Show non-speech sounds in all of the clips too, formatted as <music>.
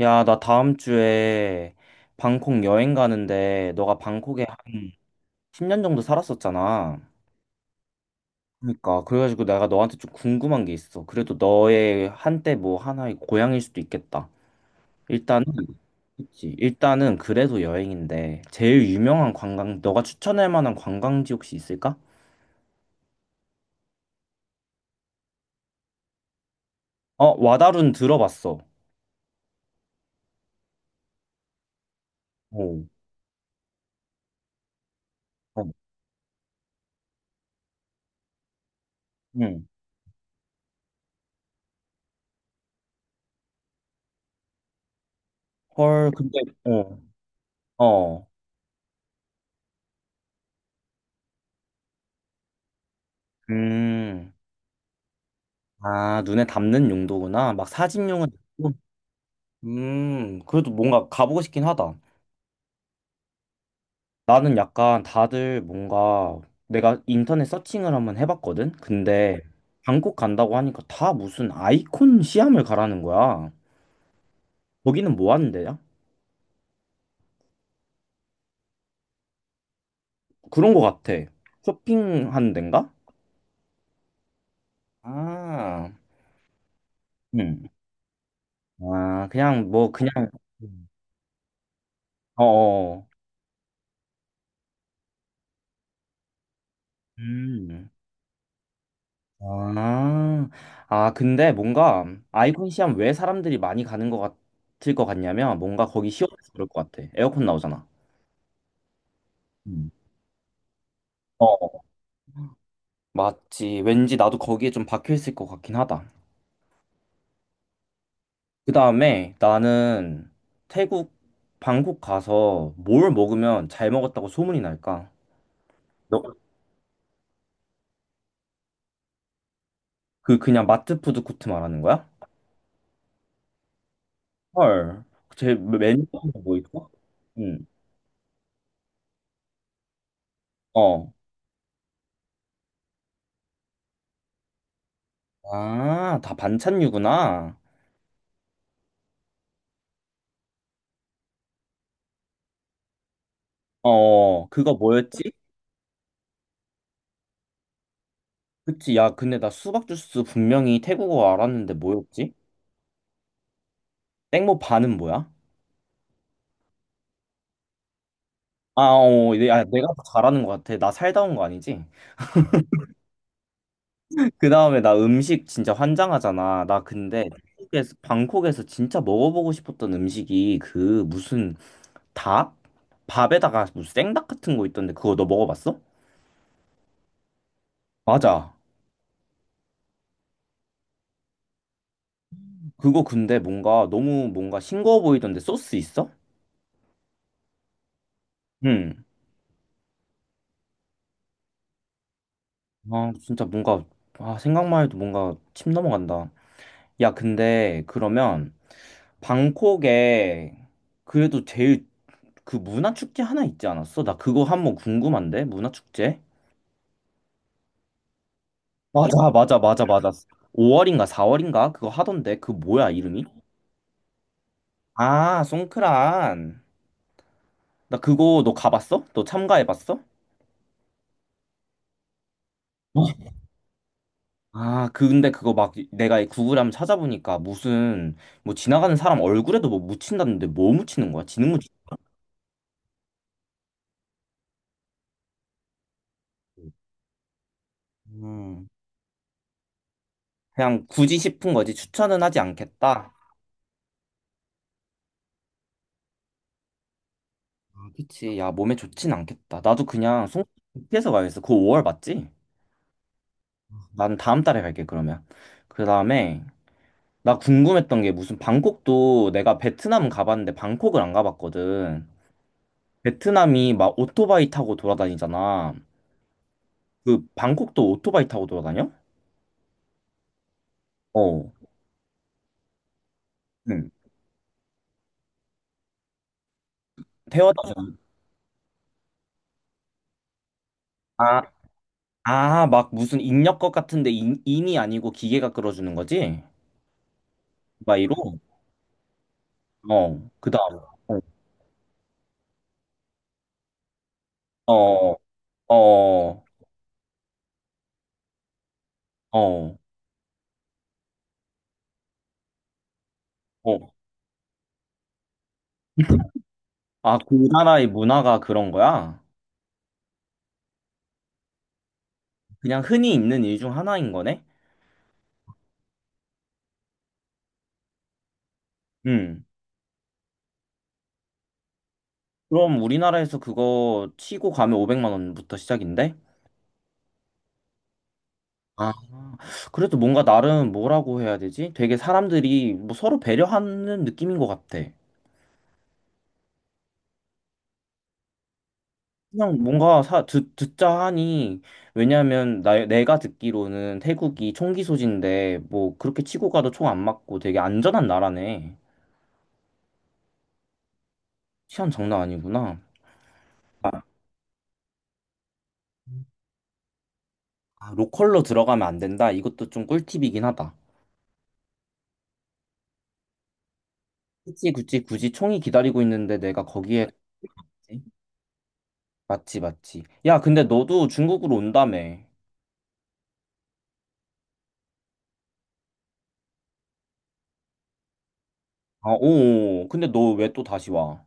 야, 나 다음 주에 방콕 여행 가는데 너가 방콕에 한 10년 정도 살았었잖아. 그러니까 그래가지고 내가 너한테 좀 궁금한 게 있어. 그래도 너의 한때 뭐 하나의 고향일 수도 있겠다. 일단은 그치. 일단은 그래도 여행인데 제일 유명한 관광 너가 추천할 만한 관광지 혹시 있을까? 어, 와다룬 들어봤어. 오. 어. 응. 헐, 근데 어. 어. 음. 아, 눈에 담는 용도구나. 막 사진용은. 그래도 뭔가 가보고 싶긴 하다. 나는 약간 다들 뭔가 내가 인터넷 서칭을 한번 해봤거든? 근데 방콕 간다고 하니까 다 무슨 아이콘 시암을 가라는 거야. 거기는 뭐 하는 데야? 그런 거 같아. 쇼핑하는 데인가? 아, 음. 아, 그냥 뭐, 그냥, 어어. 음. 아, 근데 뭔가 아이콘 시험 왜 사람들이 많이 가는 것 같을 것 같냐면 뭔가 거기 시원해서 그럴 것 같아. 에어컨 나오잖아. 음. 어, 맞지. 왠지 나도 거기에 좀 박혀 있을 것 같긴 하다. 그 다음에 나는 태국 방콕 가서 뭘 먹으면 잘 먹었다고 소문이 날까? 너, 그 그냥 마트 푸드 코트 말하는 거야? 헐. 제 메뉴 뭐 있어? 응. 어. 아, 다 반찬류구나. 어, 어. 그거 뭐였지? 그치, 야, 근데 나 수박 주스 분명히 태국어 알았는데 뭐였지? 땡모 반은 뭐야? 아, 어, 내- 야, 내가 더 잘하는 것 같아. 나 살다 온 거 아니지? <laughs> 그 다음에 나 음식 진짜 환장하잖아. 나 근데 태국에서, 방콕에서 진짜 먹어보고 싶었던 음식이 그 무슨 닭? 밥에다가 무슨 생닭 같은 거 있던데 그거 너 먹어봤어? 맞아. 그거 근데 뭔가 너무 뭔가 싱거워 보이던데 소스 있어? 응. 아, 진짜 뭔가, 아, 생각만 해도 뭔가 침 넘어간다. 야, 근데 그러면 방콕에 그래도 제일 그 문화 축제 하나 있지 않았어? 나 그거 한번 궁금한데 문화 축제? 맞아, 맞아, 맞아, 맞아. 5월인가 4월인가 그거 하던데 그 뭐야 이름이? 아, 송크란. 나 그거 너 가봤어? 너 참가해봤어? 어. 아, 근데 그거 막 내가 구글에 한번 찾아보니까 무슨 뭐 지나가는 사람 얼굴에도 뭐 묻힌다는데 뭐 묻히는 거야? 지능 묻히는 거야? 음. 그냥 굳이 싶은 거지 추천은 하지 않겠다. 그치. 야, 몸에 좋진 않겠다. 나도 그냥 송에서 가야겠어. 그거 5월 맞지? 난 다음 달에 갈게, 그러면. 그 다음에, 나 궁금했던 게 무슨 방콕도 내가 베트남 가봤는데 방콕을 안 가봤거든. 베트남이 막 오토바이 타고 돌아다니잖아. 그 방콕도 오토바이 타고 돌아다녀? 어. 응. 태워다 주는. 아, 아, 막 무슨 인력것 같은데 인이 아니고 기계가 끌어주는 거지? 오토바이로? 어. 그 다음. 어. 어. 어. 어. 어. 아, 그 나라의 문화가 그런 거야? 그냥 흔히 있는 일 중 하나인 거네? 음. 그럼 우리나라에서 그거 치고 가면 500만 원부터 시작인데? 아, 그래도 뭔가 나름 뭐라고 해야 되지? 되게 사람들이 뭐 서로 배려하는 느낌인 것 같아. 그냥 뭔가 듣자 하니, 왜냐면 내가 듣기로는 태국이 총기 소지인데, 뭐 그렇게 치고 가도 총 안 맞고 되게 안전한 나라네. 치안 장난 아니구나. 아, 로컬로 들어가면 안 된다. 이것도 좀 꿀팁이긴 하다. 굳이 굳이 굳이 총이 기다리고 있는데 내가 거기에 맞지 맞지. 야, 근데 너도 중국으로 온다며. 아, 오. 근데 너 왜 또 다시 와?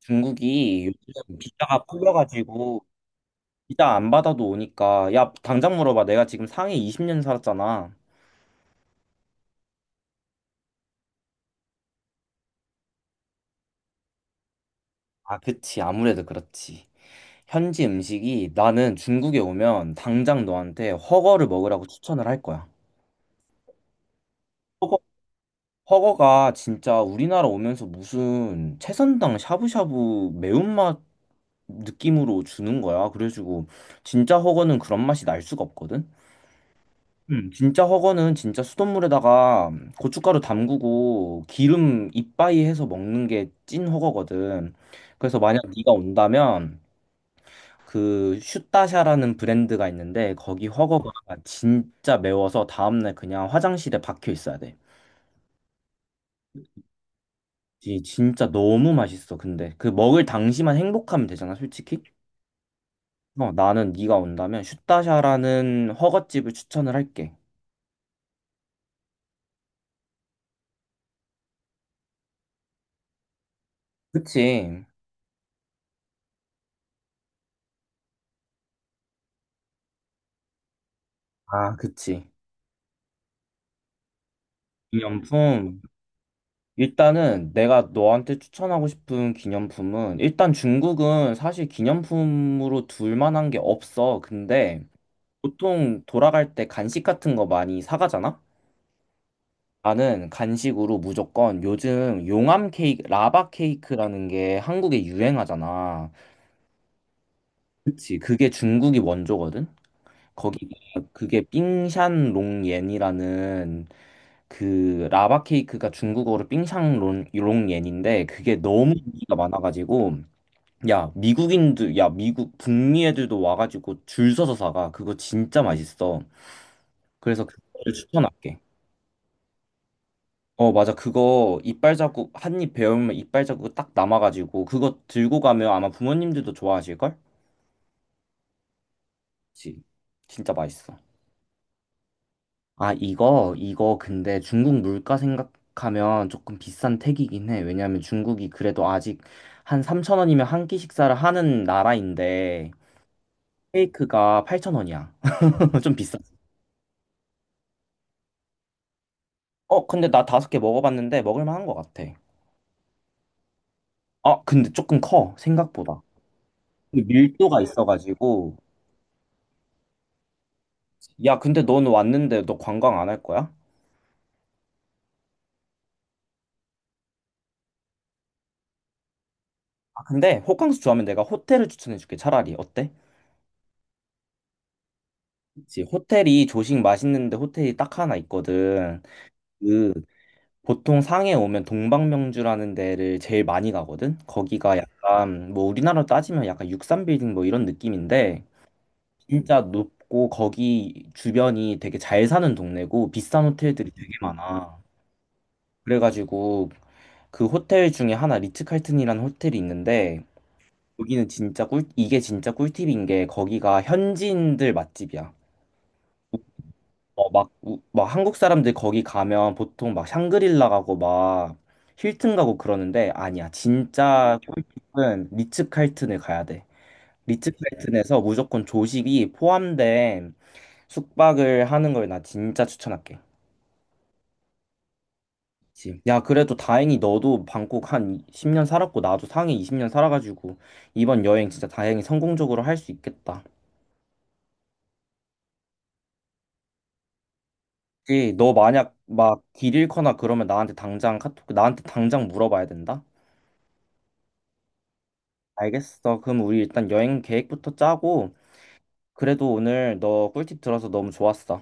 중국이 요즘 비자가 풀려가지고 비자 안 받아도 오니까 야, 당장 물어봐. 내가 지금 상해 20년 살았잖아. 아, 그치. 아무래도 그렇지. 현지 음식이 나는 중국에 오면 당장 너한테 허거를 먹으라고 추천을 할 거야. 허거가 진짜 우리나라 오면서 무슨 채선당 샤브샤브 매운맛 느낌으로 주는 거야. 그래가지고 진짜 허거는 그런 맛이 날 수가 없거든. 진짜 허거는 진짜 수돗물에다가 고춧가루 담그고 기름 이빠이 해서 먹는 게 찐 허거거든. 그래서 만약 네가 온다면 그 슈타샤라는 브랜드가 있는데 거기 허거가 진짜 매워서 다음날 그냥 화장실에 박혀 있어야 돼. 이 진짜 너무 맛있어. 근데 그 먹을 당시만 행복하면 되잖아, 솔직히. 어, 나는 네가 온다면 슈타샤라는 허거집을 추천을 할게. 그치? 아, 그치. 기념품. 일단은 내가 너한테 추천하고 싶은 기념품은 일단 중국은 사실 기념품으로 둘 만한 게 없어. 근데 보통 돌아갈 때 간식 같은 거 많이 사가잖아? 나는 간식으로 무조건 요즘 용암 케이크, 라바 케이크라는 게 한국에 유행하잖아. 그치. 그게 중국이 원조거든? 거기가 그게 삥샨롱옌이라는 그 라바 케이크가 중국어로 삥샹롱옌인데 그게 너무 인기가 많아가지고 야 미국인들 야 미국 북미 애들도 와가지고 줄 서서 사가. 그거 진짜 맛있어. 그래서 그거를 추천할게. 어 맞아 그거 이빨 자국 한 입 베어물면 이빨 자국 딱 남아가지고 그거 들고 가면 아마 부모님들도 좋아하실걸? 그치. 진짜 맛있어. 아, 이거 근데 중국 물가 생각하면 조금 비싼 택이긴 해. 왜냐면 중국이 그래도 아직 한 3,000원이면 한 끼 식사를 하는 나라인데, 케이크가 8,000원이야. <laughs> 좀 비싸. 어, 근데 나 다섯 개 먹어봤는데 먹을 만한 것 같아. 아, 근데 조금 커, 생각보다. 그 밀도가 있어가지고. 야, 근데 넌 왔는데 너 관광 안 할 거야? 아, 근데 호캉스 좋아하면 내가 호텔을 추천해줄게. 차라리 어때? 그치. 호텔이 조식 맛있는데 호텔이 딱 하나 있거든. 그 보통 상해 오면 동방명주라는 데를 제일 많이 가거든? 거기가 약간, 뭐 우리나라로 따지면 약간 63빌딩 뭐 이런 느낌인데, 진짜 높고 거기 주변이 되게 잘 사는 동네고 비싼 호텔들이 되게 많아. 그래가지고 그 호텔 중에 하나 리츠칼튼이라는 호텔이 있는데, 여기는 진짜 꿀, 이게 진짜 꿀팁인 게 거기가 현지인들 맛집이야. 어, 막, 우- 막 한국 사람들 거기 가면 보통 막 샹그릴라 가고 막 힐튼 가고 그러는데 아니야. 진짜 꿀팁은 리츠칼튼을 가야 돼. 리츠칼튼에서 무조건 조식이 포함된 숙박을 하는 걸 나 진짜 추천할게. 그치. 야, 그래도 다행히 너도 방콕 한 10년 살았고 나도 상해 20년 살아가지고 이번 여행 진짜 다행히 성공적으로 할 수 있겠다. 그치? 너 만약 막 길 잃거나 그러면 나한테 당장 카톡, 나한테 당장 물어봐야 된다. 알겠어. 그럼 우리 일단 여행 계획부터 짜고, 그래도 오늘 너 꿀팁 들어서 너무 좋았어.